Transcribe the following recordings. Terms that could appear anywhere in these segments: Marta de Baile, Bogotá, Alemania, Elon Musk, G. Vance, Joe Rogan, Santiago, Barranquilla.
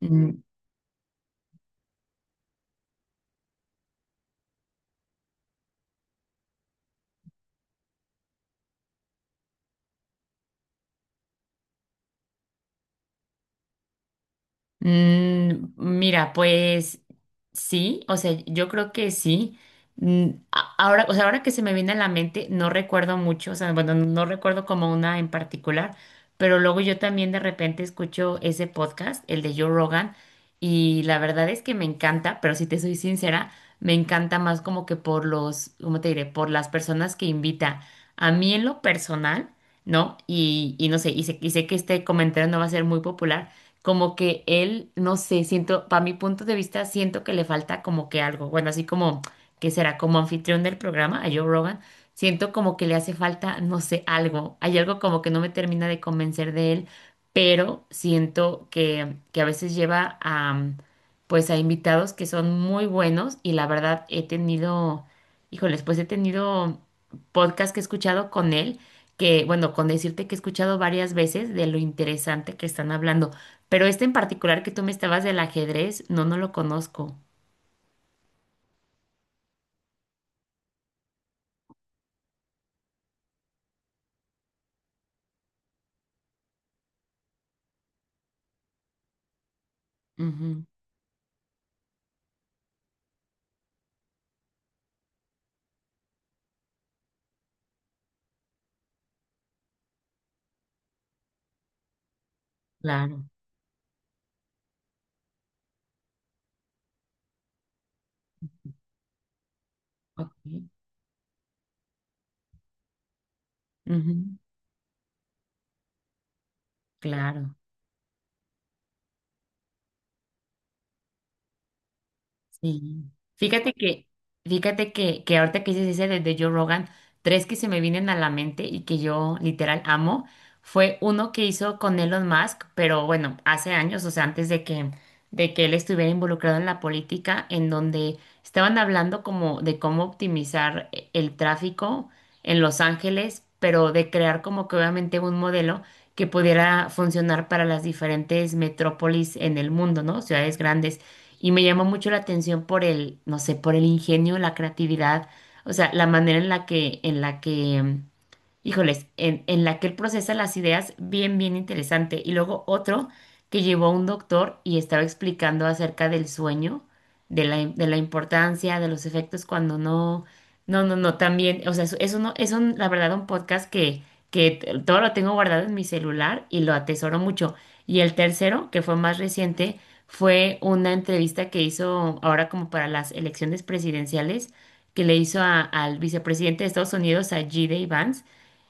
Mm, mira, pues sí, o sea, yo creo que sí. Ahora, o sea, ahora que se me viene a la mente, no recuerdo mucho, o sea, bueno, no recuerdo como una en particular, pero luego yo también de repente escucho ese podcast, el de Joe Rogan, y la verdad es que me encanta, pero si te soy sincera, me encanta más como que por los, ¿cómo te diré? Por las personas que invita. A mí en lo personal, ¿no? Y no sé, y sé que este comentario no va a ser muy popular. Como que él, no sé, siento, para mi punto de vista, siento que le falta como que algo, bueno, así como que será como anfitrión del programa, a Joe Rogan, siento como que le hace falta, no sé, algo, hay algo como que no me termina de convencer de él, pero siento que a veces lleva a, pues a invitados que son muy buenos y la verdad he tenido, híjoles, pues he tenido podcast que he escuchado con él. Que, bueno, con decirte que he escuchado varias veces de lo interesante que están hablando. Pero este en particular que tú me estabas del ajedrez, no, no lo conozco. Ujú, claro. Ok. Ujú, claro. Sí. Fíjate que, fíjate que ahorita que dices ese de Joe Rogan, tres que se me vienen a la mente y que yo literal amo, fue uno que hizo con Elon Musk, pero bueno, hace años, o sea, de que él estuviera involucrado en la política, en donde estaban hablando como de cómo optimizar el tráfico en Los Ángeles, pero de crear como que obviamente un modelo que pudiera funcionar para las diferentes metrópolis en el mundo, ¿no? Ciudades grandes. Y me llamó mucho la atención por el, no sé, por el ingenio, la creatividad, o sea, la manera en la que híjoles, en la que él procesa las ideas, bien, bien interesante. Y luego otro que llevó a un doctor y estaba explicando acerca del sueño, de la importancia, de los efectos cuando no, también, o sea, eso no, es un, la verdad, un podcast que todo lo tengo guardado en mi celular y lo atesoro mucho. Y el tercero, que fue más reciente, fue una entrevista que hizo ahora como para las elecciones presidenciales, que le hizo al vicepresidente de Estados Unidos, a G. Vance,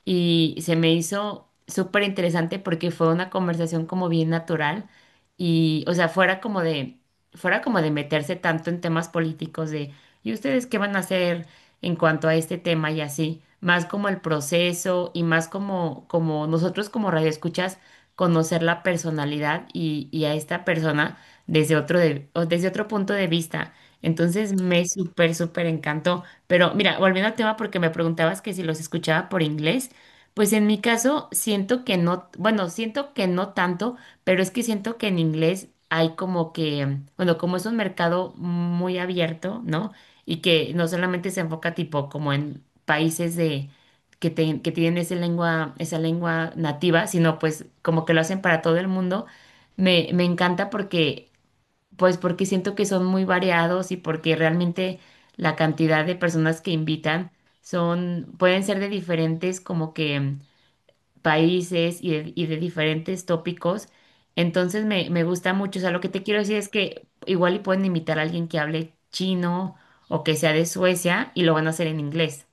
y se me hizo súper interesante porque fue una conversación como bien natural y, o sea, fuera como de meterse tanto en temas políticos de, ¿y ustedes qué van a hacer en cuanto a este tema y así? Más como el proceso y más como, como nosotros como radioescuchas conocer la personalidad y a esta persona desde otro, o desde otro punto de vista. Entonces me súper, súper encantó. Pero mira, volviendo al tema porque me preguntabas que si los escuchaba por inglés. Pues en mi caso siento que no, bueno, siento que no tanto, pero es que siento que en inglés hay como que, bueno, como es un mercado muy abierto, ¿no? Y que no solamente se enfoca tipo como en países que tienen esa lengua nativa, sino pues como que lo hacen para todo el mundo. Me encanta porque, pues porque siento que son muy variados y porque realmente la cantidad de personas que invitan son, pueden ser de diferentes como que países y de diferentes tópicos. Entonces me gusta mucho. O sea, lo que te quiero decir es que igual y pueden invitar a alguien que hable chino o que sea de Suecia y lo van a hacer en inglés.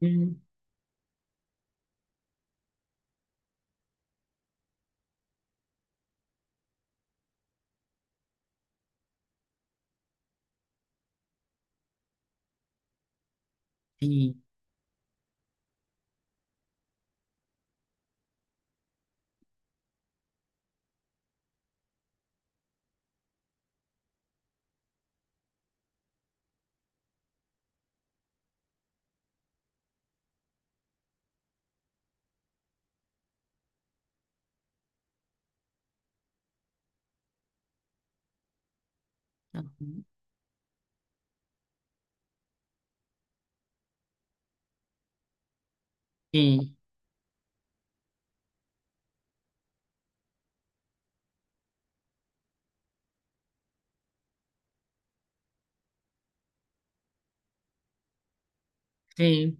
Mm, Sí, ¿no? Ujú. Sí, sí.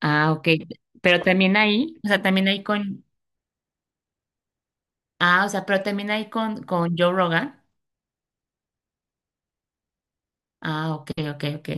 Ah, ok. Pero también ahí, o sea, también ahí con, ah, o sea, pero también ahí con Joe Rogan. Ah, ok, ok, ok.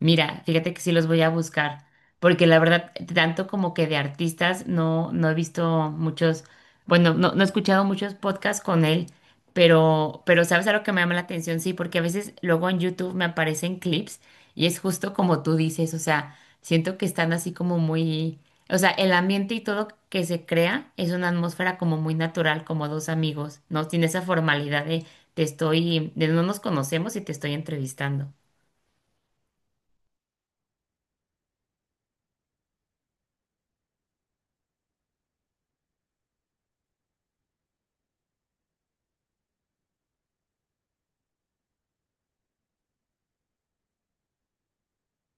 Mira, fíjate que sí los voy a buscar, porque la verdad, tanto como que de artistas, no, no he visto muchos, bueno, no, no he escuchado muchos podcasts con él, pero ¿sabes algo que me llama la atención? Sí, porque a veces luego en YouTube me aparecen clips y es justo como tú dices, o sea, siento que están así como muy, o sea, el ambiente y todo que se crea es una atmósfera como muy natural, como dos amigos, ¿no? Tiene esa formalidad de no nos conocemos y te estoy entrevistando.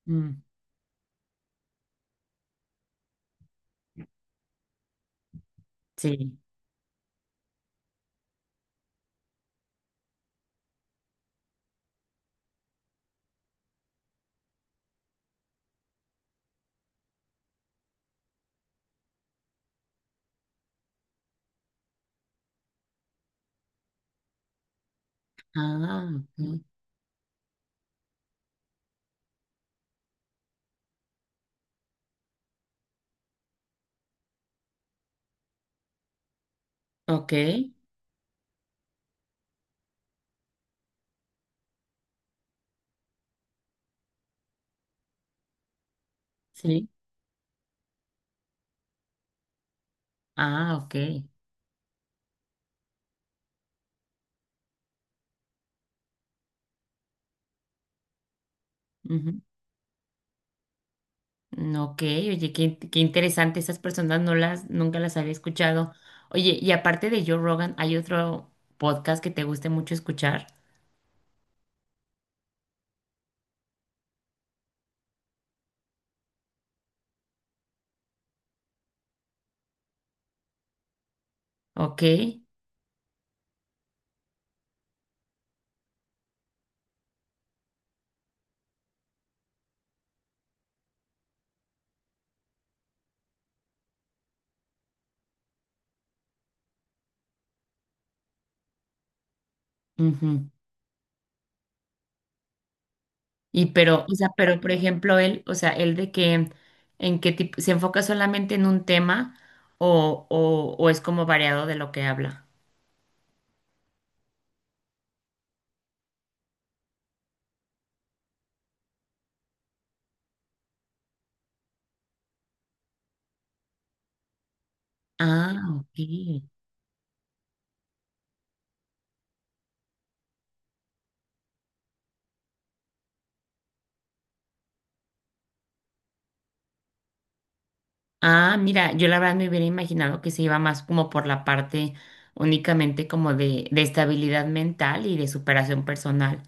Mm, Sí. Ah, ok. Ok, sí. Ah, ok. Ujú. Ok, oye, qué, qué interesante. Esas personas no las, nunca las había escuchado. Oye, y aparte de Joe Rogan, ¿hay otro podcast que te guste mucho escuchar? Ok. Ujú. Y pero, o sea, pero por ejemplo, él, o sea, ¿en qué tipo, se enfoca solamente en un tema o es como variado de lo que habla? Ah, ok. Ah, mira, yo la verdad me hubiera imaginado que se iba más como por la parte únicamente como de estabilidad mental y de superación personal,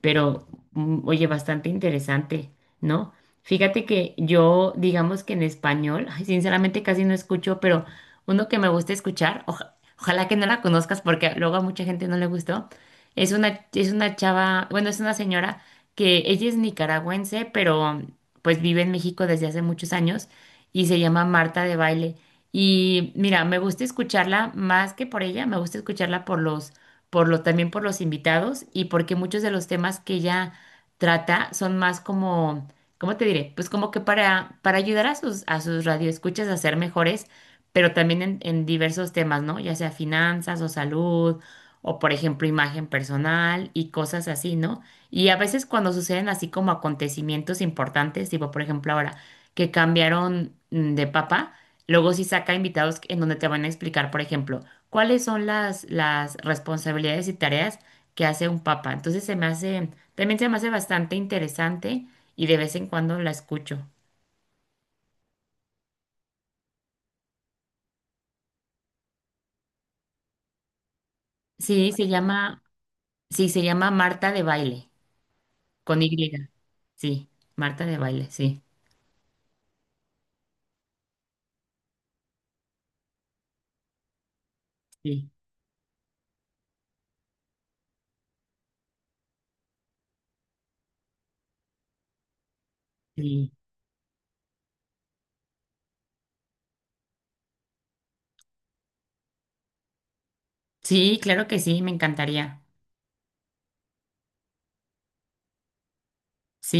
pero oye, bastante interesante, ¿no? Fíjate que yo, digamos que en español, ay, sinceramente casi no escucho, pero uno que me gusta escuchar, ojalá que no la conozcas porque luego a mucha gente no le gustó, es una chava, bueno, es una señora que ella es nicaragüense, pero pues vive en México desde hace muchos años y se llama Marta de Baile. Y mira, me gusta escucharla más que por ella, me gusta escucharla por los, también por los invitados y porque muchos de los temas que ella trata son más como, ¿cómo te diré? Pues como que para ayudar a sus radioescuchas a ser mejores, pero también en diversos temas, ¿no? Ya sea finanzas o salud, o por ejemplo imagen personal y cosas así, ¿no? Y a veces cuando suceden así como acontecimientos importantes, tipo por ejemplo ahora que cambiaron de papa, luego sí saca invitados en donde te van a explicar, por ejemplo, cuáles son las responsabilidades y tareas que hace un papa. Entonces se me hace, también se me hace bastante interesante y de vez en cuando la escucho. Sí, se llama, sí, se llama Marta de Baile, con Y. Sí, Marta de Baile, sí, sí, sí. Sí, claro que sí, me encantaría. Sí.